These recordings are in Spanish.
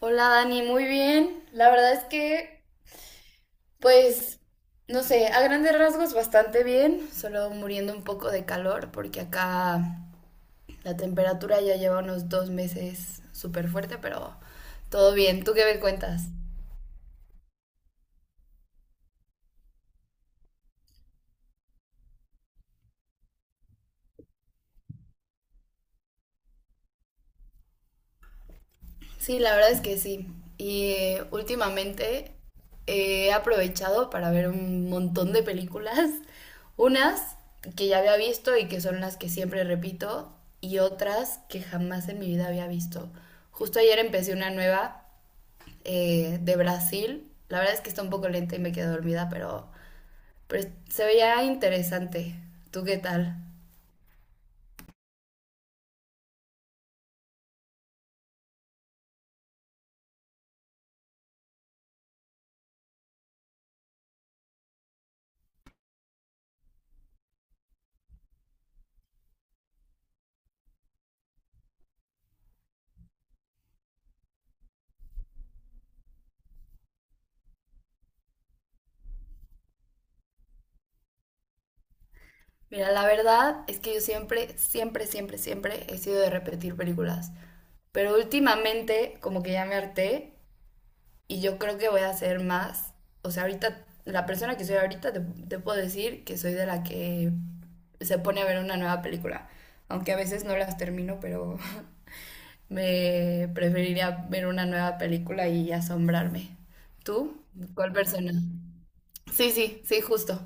Hola Dani, muy bien. La verdad es que, pues, no sé, a grandes rasgos bastante bien, solo muriendo un poco de calor porque acá la temperatura ya lleva unos 2 meses súper fuerte, pero todo bien. ¿Tú qué me cuentas? Sí, la verdad es que sí. Y últimamente he aprovechado para ver un montón de películas, unas que ya había visto y que son las que siempre repito, y otras que jamás en mi vida había visto. Justo ayer empecé una nueva de Brasil. La verdad es que está un poco lenta y me quedé dormida, pero se veía interesante. ¿Tú qué tal? Mira, la verdad es que yo siempre, siempre, siempre, siempre he sido de repetir películas. Pero últimamente como que ya me harté y yo creo que voy a hacer más. O sea, ahorita, la persona que soy ahorita, te puedo decir que soy de la que se pone a ver una nueva película. Aunque a veces no las termino, pero me preferiría ver una nueva película y asombrarme. ¿Tú? ¿Cuál persona? Sí, sí, sí, justo.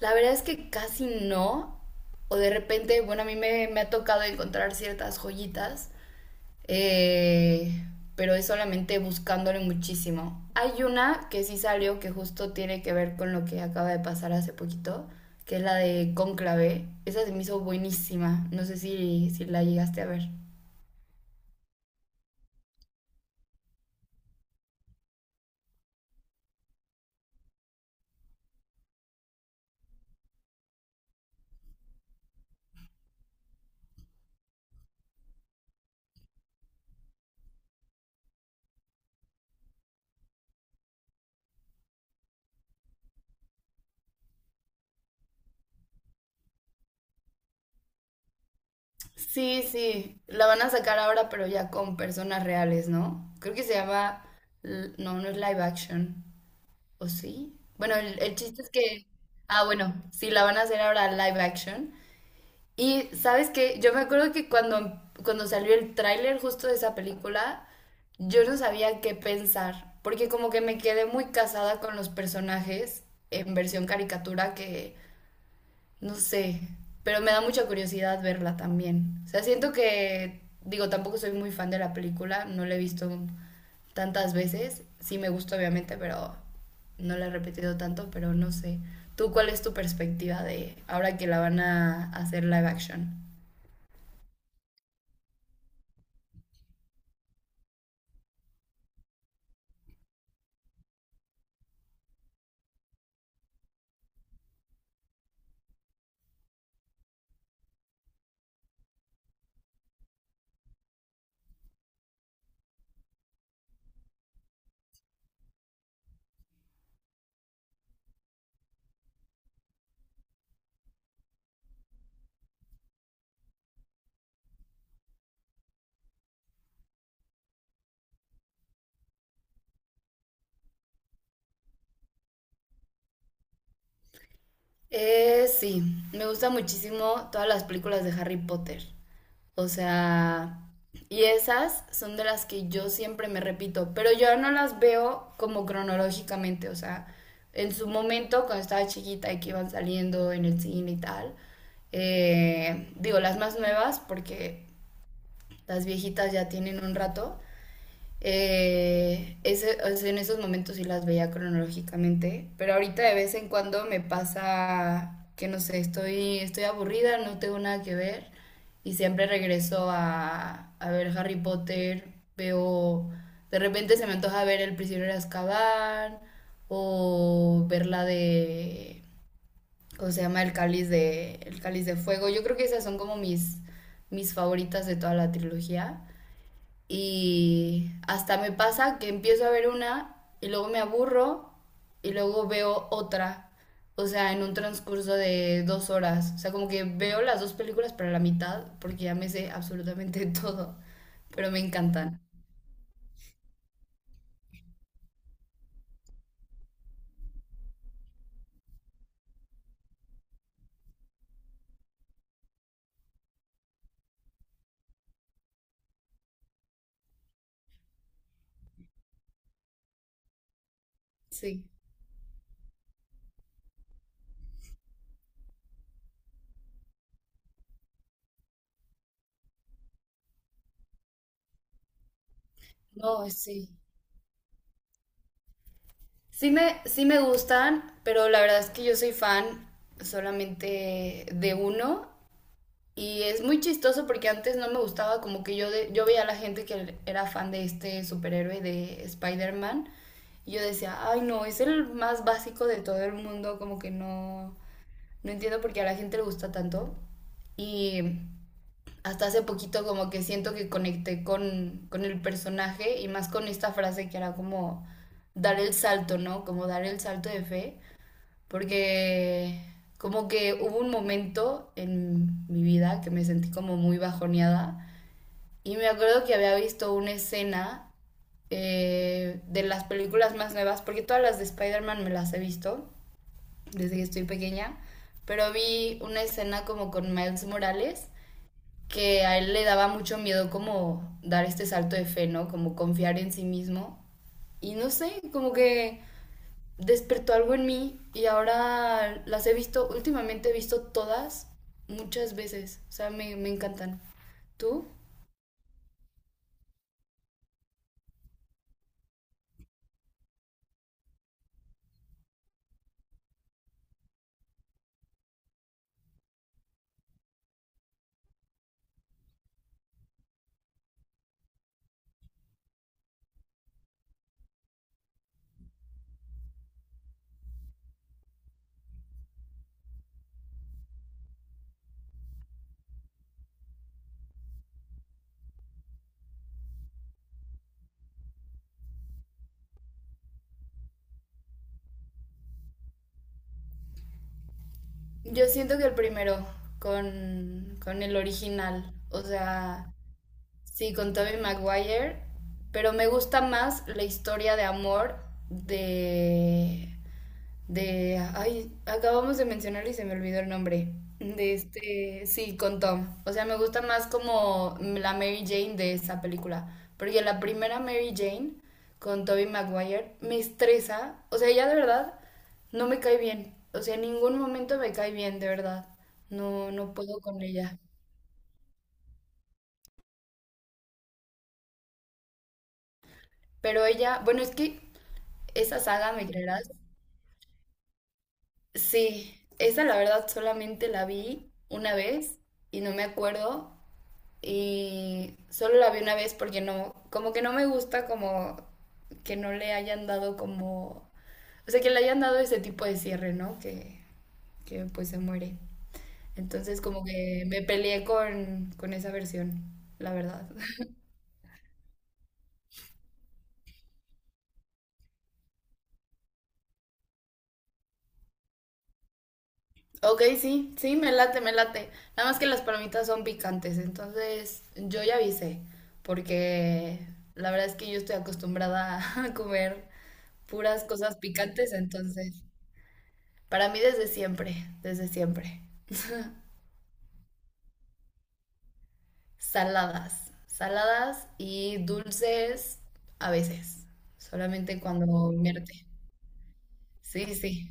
La verdad es que casi no. O de repente, bueno, a mí me ha tocado encontrar ciertas joyitas, eh, pero es solamente buscándole muchísimo. Hay una que sí salió que justo tiene que ver con lo que acaba de pasar hace poquito, que es la de Cónclave. Esa se me hizo buenísima. No sé si la llegaste a ver. Sí, sí. La van a sacar ahora, pero ya con personas reales, ¿no? Creo que se llama... No, no es live action. ¿O sí? Bueno, el chiste es que, ah, bueno, sí, la van a hacer ahora live action. Y sabes qué, yo me acuerdo que cuando salió el tráiler justo de esa película, yo no sabía qué pensar, porque como que me quedé muy casada con los personajes en versión caricatura que, no sé, pero me da mucha curiosidad verla también. O sea, siento que, digo, tampoco soy muy fan de la película, no la he visto tantas veces. Sí me gusta, obviamente, pero no la he repetido tanto, pero no sé. ¿Tú cuál es tu perspectiva de ahora que la van a hacer live action? Sí, me gusta muchísimo todas las películas de Harry Potter. O sea, y esas son de las que yo siempre me repito, pero yo no las veo como cronológicamente, o sea, en su momento cuando estaba chiquita y que iban saliendo en el cine y tal, digo las más nuevas porque las viejitas ya tienen un rato, o sea, en esos momentos sí las veía cronológicamente, pero ahorita de vez en cuando me pasa que no sé, estoy aburrida, no tengo nada que ver y siempre regreso a ver Harry Potter, veo, de repente se me antoja ver El prisionero de Azkaban o ver la de, ¿cómo se llama? El cáliz de fuego. Yo creo que esas son como mis favoritas de toda la trilogía. Y hasta me pasa que empiezo a ver una y luego me aburro y luego veo otra. O sea, en un transcurso de 2 horas. O sea, como que veo las dos películas para la mitad porque ya me sé absolutamente todo. Pero me encantan. Sí. No, sí. Sí me gustan, pero la verdad es que yo soy fan solamente de uno. Y es muy chistoso porque antes no me gustaba, como que yo, yo veía a la gente que era fan de este superhéroe de Spider-Man. Y yo decía, ay no, es el más básico de todo el mundo, como que no, no entiendo por qué a la gente le gusta tanto. Y hasta hace poquito como que siento que conecté con el personaje y más con esta frase que era como dar el salto, ¿no? Como dar el salto de fe porque como que hubo un momento en mi vida que me sentí como muy bajoneada y me acuerdo que había visto una escena de las películas más nuevas, porque todas las de Spider-Man me las he visto desde que estoy pequeña, pero vi una escena como con Miles Morales que a él le daba mucho miedo como dar este salto de fe, ¿no? Como confiar en sí mismo. Y no sé, como que despertó algo en mí y ahora las he visto, últimamente he visto todas muchas veces, o sea, me encantan. ¿Tú? Yo siento que el primero, con el original, o sea, sí, con Tobey Maguire, pero me gusta más la historia de amor de ay, acabamos de mencionar y se me olvidó el nombre. De este, sí, con Tom. O sea, me gusta más como la Mary Jane de esa película. Porque la primera Mary Jane con Tobey Maguire me estresa. O sea, ella de verdad no me cae bien. O sea, en ningún momento me cae bien, de verdad. No, no puedo con ella. Pero ella, bueno, es que esa saga, ¿me creerás? Sí, esa la verdad solamente la vi una vez y no me acuerdo y solo la vi una vez porque no, como que no me gusta como que no le hayan dado como, o sea, que le hayan dado ese tipo de cierre, ¿no? Que pues se muere. Entonces como que me peleé con esa versión, la verdad. Ok, sí, sí, me late, me late. Nada más que las palomitas son picantes, entonces yo ya avisé, porque la verdad es que yo estoy acostumbrada a comer puras cosas picantes, entonces... Para mí desde siempre, desde siempre. Saladas, saladas y dulces a veces, solamente cuando mierte. Sí, sí.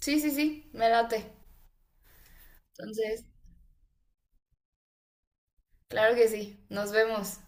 Sí, sí, sí, me late. Entonces, claro que sí. Nos vemos.